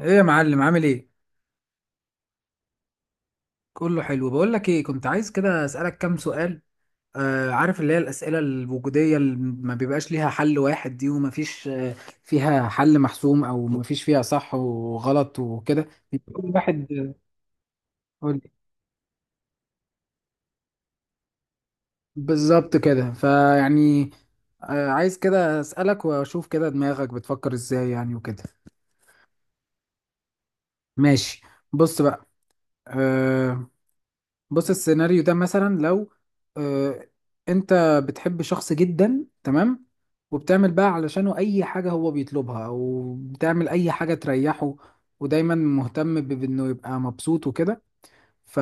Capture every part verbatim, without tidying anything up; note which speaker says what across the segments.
Speaker 1: ايه يا معلم، عامل ايه؟ كله حلو. بقول لك ايه، كنت عايز كده اسالك كام سؤال. آه، عارف اللي هي الاسئله الوجوديه اللي ما بيبقاش ليها حل واحد دي، وما فيش آه فيها حل محسوم او ما فيش فيها صح وغلط وكده. كل واحد قول لي. بالظبط كده. فيعني آه عايز كده اسالك واشوف كده دماغك بتفكر ازاي يعني وكده. ماشي، بص بقى. آه، بص السيناريو ده مثلا، لو آه، انت بتحب شخص جدا، تمام؟ وبتعمل بقى علشانه اي حاجة هو بيطلبها، او بتعمل اي حاجة تريحه، ودايما مهتم ب- بانه يبقى مبسوط وكده. ف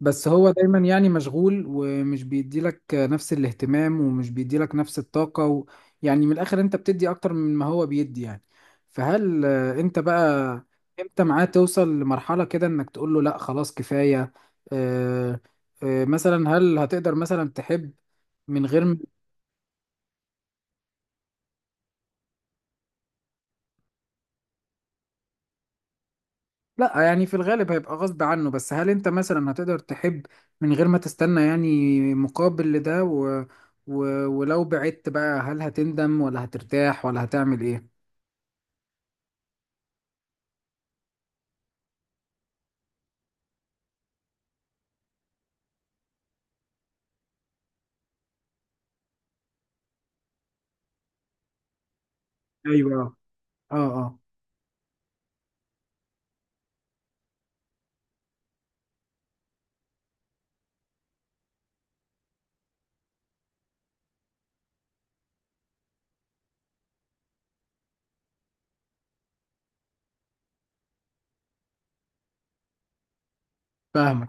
Speaker 1: بس هو دايما يعني مشغول، ومش بيديلك نفس الاهتمام ومش بيديلك نفس الطاقة و... يعني من الآخر انت بتدي أكتر من ما هو بيدي يعني. فهل آه، انت بقى امتى معاه توصل لمرحلة كده انك تقول له لا خلاص كفاية؟ آه، آه، مثلا هل هتقدر مثلا تحب من غير... لا يعني في الغالب هيبقى غصب عنه، بس هل انت مثلا هتقدر تحب من غير ما تستنى يعني مقابل لده و... و... ولو بعدت بقى هل هتندم ولا هترتاح ولا هتعمل ايه؟ ايوه. اه اه. فاهمك،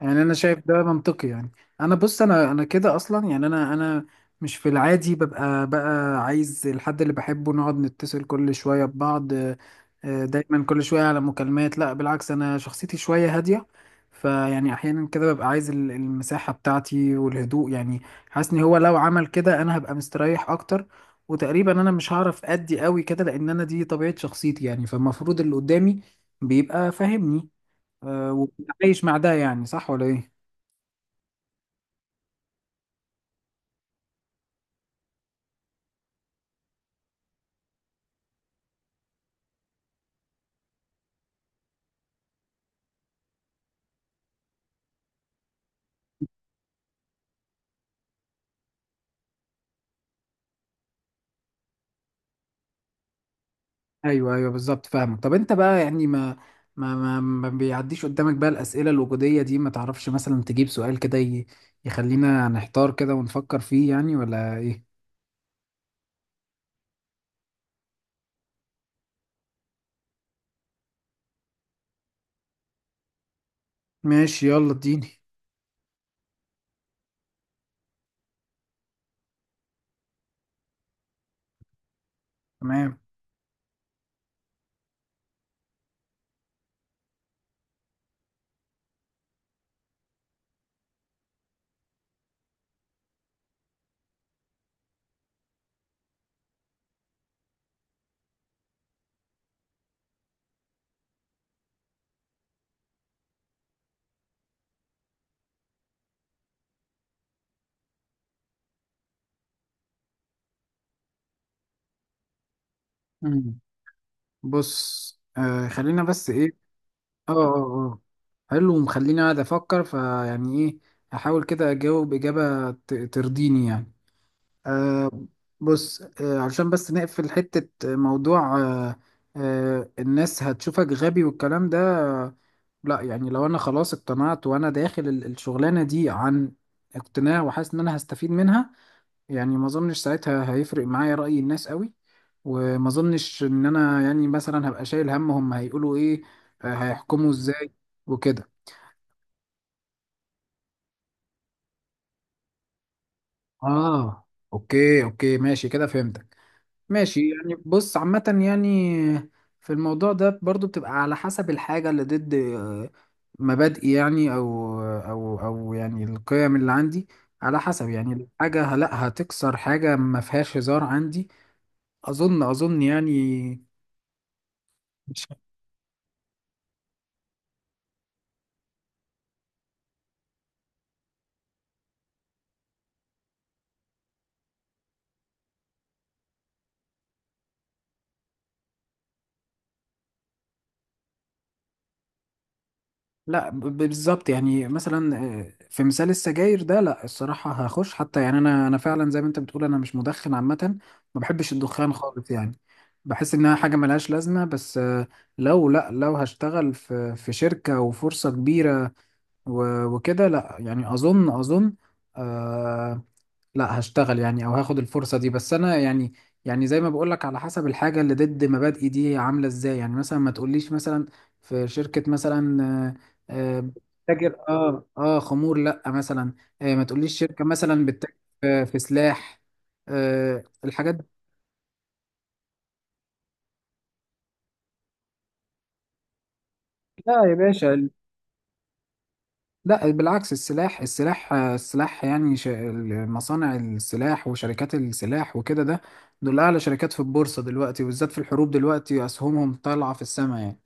Speaker 1: يعني انا شايف ده منطقي يعني. انا بص، انا انا كده اصلا يعني، انا انا مش في العادي ببقى بقى عايز الحد اللي بحبه نقعد نتصل كل شويه ببعض. آه، آه، دايما كل شويه على مكالمات، لا بالعكس، انا شخصيتي شويه هاديه. فيعني احيانا كده ببقى عايز ال- المساحه بتاعتي والهدوء يعني. حاسس ان هو لو عمل كده انا هبقى مستريح اكتر. وتقريبا انا مش هعرف ادي قوي كده، لان انا دي طبيعه شخصيتي يعني، فالمفروض اللي قدامي بيبقى فاهمني آه، وكنت عايش مع ده يعني، صح ولا ايه؟ ايوه ايوه بالظبط، فاهمك. طب انت بقى يعني، ما ما ما, ما بيعديش قدامك بقى الاسئله الوجوديه دي؟ ما تعرفش مثلا تجيب سؤال كده ي- يخلينا نحتار كده ونفكر فيه يعني ولا ايه؟ ماشي يلا اديني. تمام. مم. بص آه خلينا بس ايه. اه اه اه، حلو ومخليني قاعد افكر. فيعني ايه، احاول كده اجاوب اجابه ت- ترضيني يعني. آه. بص آه علشان بس نقفل حتة موضوع آه آه الناس هتشوفك غبي والكلام ده، آه لا يعني لو انا خلاص اقتنعت وانا داخل ال- الشغلانة دي عن اقتناع وحاسس ان انا هستفيد منها، يعني ما اظنش ساعتها هيفرق معايا رأي الناس قوي. وما اظنش ان انا يعني مثلا هبقى شايل هم هم هيقولوا ايه، آه هيحكموا ازاي وكده. اه اوكي اوكي ماشي كده فهمت. ماشي يعني، بص عامة يعني في الموضوع ده برضو بتبقى على حسب الحاجة اللي ضد آه، مبادئي يعني، أو أو أو يعني القيم اللي عندي. على حسب يعني الحاجة ه- لا، هتكسر حاجة ما فيهاش هزار عندي. أظن أظن يعني. لا ب- ب- بالظبط، يعني مثلا آه، في مثال السجاير ده لا، الصراحة هخش. حتى يعني، أنا أنا فعلا زي ما أنت بتقول، أنا مش مدخن عامة، ما بحبش الدخان خالص يعني. بحس إنها حاجة ملهاش لازمة. بس آه، لو لا لو هشتغل في في شركة وفرصة كبيرة و- وكده، لا يعني أظن أظن آه، لا، هشتغل يعني او هاخد الفرصه دي. بس انا يعني، يعني زي ما بقول لك على حسب الحاجه اللي ضد مبادئي دي عامله ازاي يعني. مثلا ما تقوليش مثلا في شركه مثلا آه، آه، بتتاجر اه اه خمور، لا مثلا، آه ما تقوليش شركه مثلا بتتاجر في في سلاح، آه الحاجات دي. لا يا باشا، لا بالعكس. السلاح السلاح السلاح يعني ش- مصانع السلاح وشركات السلاح وكده، ده دول أعلى شركات في البورصة دلوقتي، وبالذات في الحروب دلوقتي أسهمهم طالعة في السماء يعني.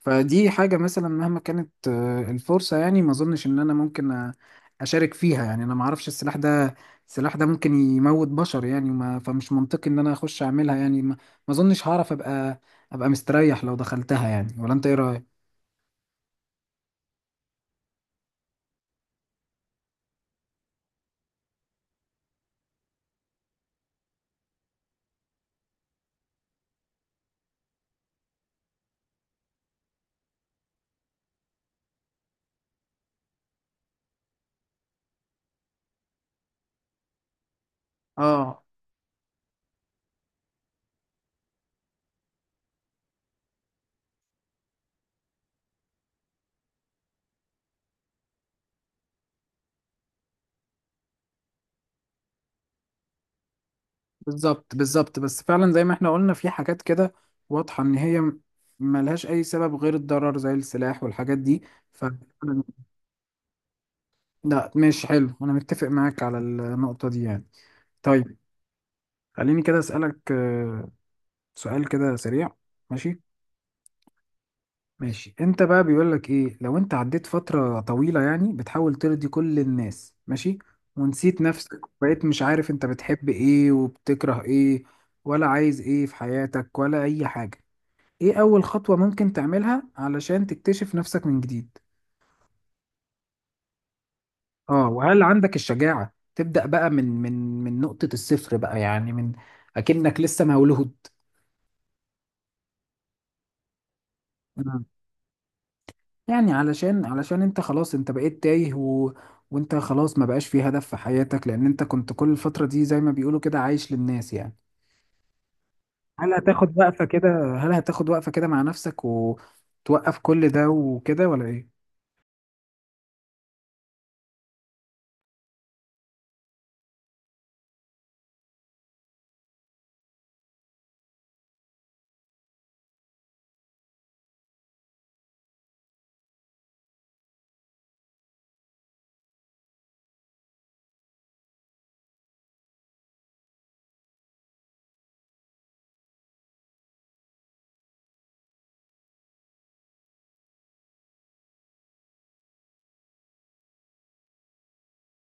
Speaker 1: فدي حاجة مثلا مهما كانت آه، الفرصة، يعني ما أظنش إن أنا ممكن أ- أشارك فيها يعني. أنا ما أعرفش، السلاح ده، السلاح ده ممكن يموت بشر يعني. وما فمش منطقي إن أنا أخش أعملها يعني. ما ما أظنش هعرف أبقى أبقى مستريح لو دخلتها يعني. ولا أنت إيه رأيك؟ اه بالظبط بالظبط. بس فعلا زي ما احنا قلنا في حاجات كده واضحة ان هي م- ملهاش اي سبب غير الضرر، زي السلاح والحاجات دي. ف لا ماشي، حلو، انا متفق معاك على النقطة دي يعني. طيب، خليني كده اسألك آه، سؤال كده سريع. ماشي، ماشي. انت بقى بيقول لك ايه، لو انت عديت فترة طويلة يعني بتحاول ترضي كل الناس، ماشي، ونسيت نفسك، بقيت مش عارف انت بتحب ايه وبتكره ايه، ولا عايز ايه في حياتك، ولا اي حاجة، ايه اول خطوة ممكن تعملها علشان تكتشف نفسك من جديد؟ اه، وهل عندك الشجاعة تبدأ بقى من من من نقطة الصفر بقى يعني، من اكنك لسه مولود؟ مم. يعني علشان علشان انت خلاص انت بقيت تايه و... وانت خلاص ما بقاش في هدف في حياتك، لان انت كنت كل الفترة دي زي ما بيقولوا كده عايش للناس يعني. هل هتاخد وقفة كده، هل هتاخد وقفة كده مع نفسك وتوقف كل ده وكده ولا ايه؟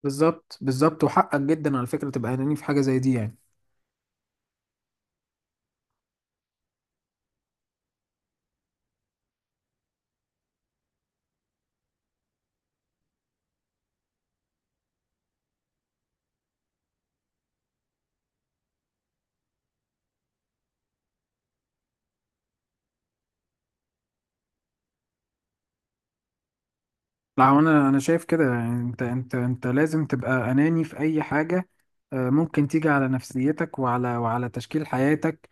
Speaker 1: بالظبط بالظبط، وحقك جدا على فكرة تبقى اناني في حاجة زي دي يعني. لا هو انا انا شايف كده يعني، انت انت انت لازم تبقى اناني في اي حاجه آه، ممكن تيجي على نفسيتك وعلى وعلى تشكيل حياتك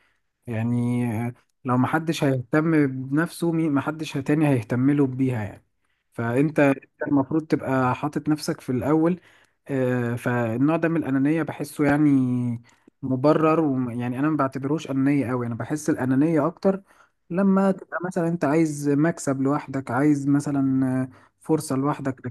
Speaker 1: يعني. آه، لو محدش هيهتم بنفسه، مي- محدش تاني هيهتم له بيها يعني. فانت، أنت المفروض تبقى حاطط نفسك في الاول. آه، فالنوع ده من الأنانية بحسه يعني مبرر. ويعني أنا ما بعتبروش أنانية أوي، أنا بحس الأنانية أكتر لما تبقى مثلا أنت عايز مكسب لوحدك، عايز مثلا آه، فرصة لوحدك.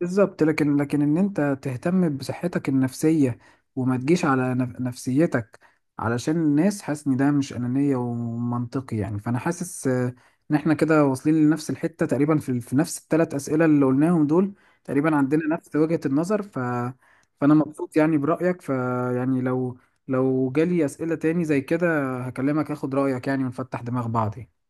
Speaker 1: بالظبط. لكن لكن ان انت تهتم بصحتك النفسية وما تجيش على نف- نفسيتك علشان الناس، حاسس ان ده مش انانية ومنطقي يعني. فانا حاسس آه، ان احنا كده واصلين لنفس الحتة تقريبا في, ال- في نفس الثلاث اسئله اللي قلناهم دول. تقريبا عندنا نفس وجهة النظر. ف فانا مبسوط يعني برأيك. فيعني لو لو جالي اسئلة تاني زي كده هكلمك اخد رأيك يعني، ونفتح دماغ بعض يعني.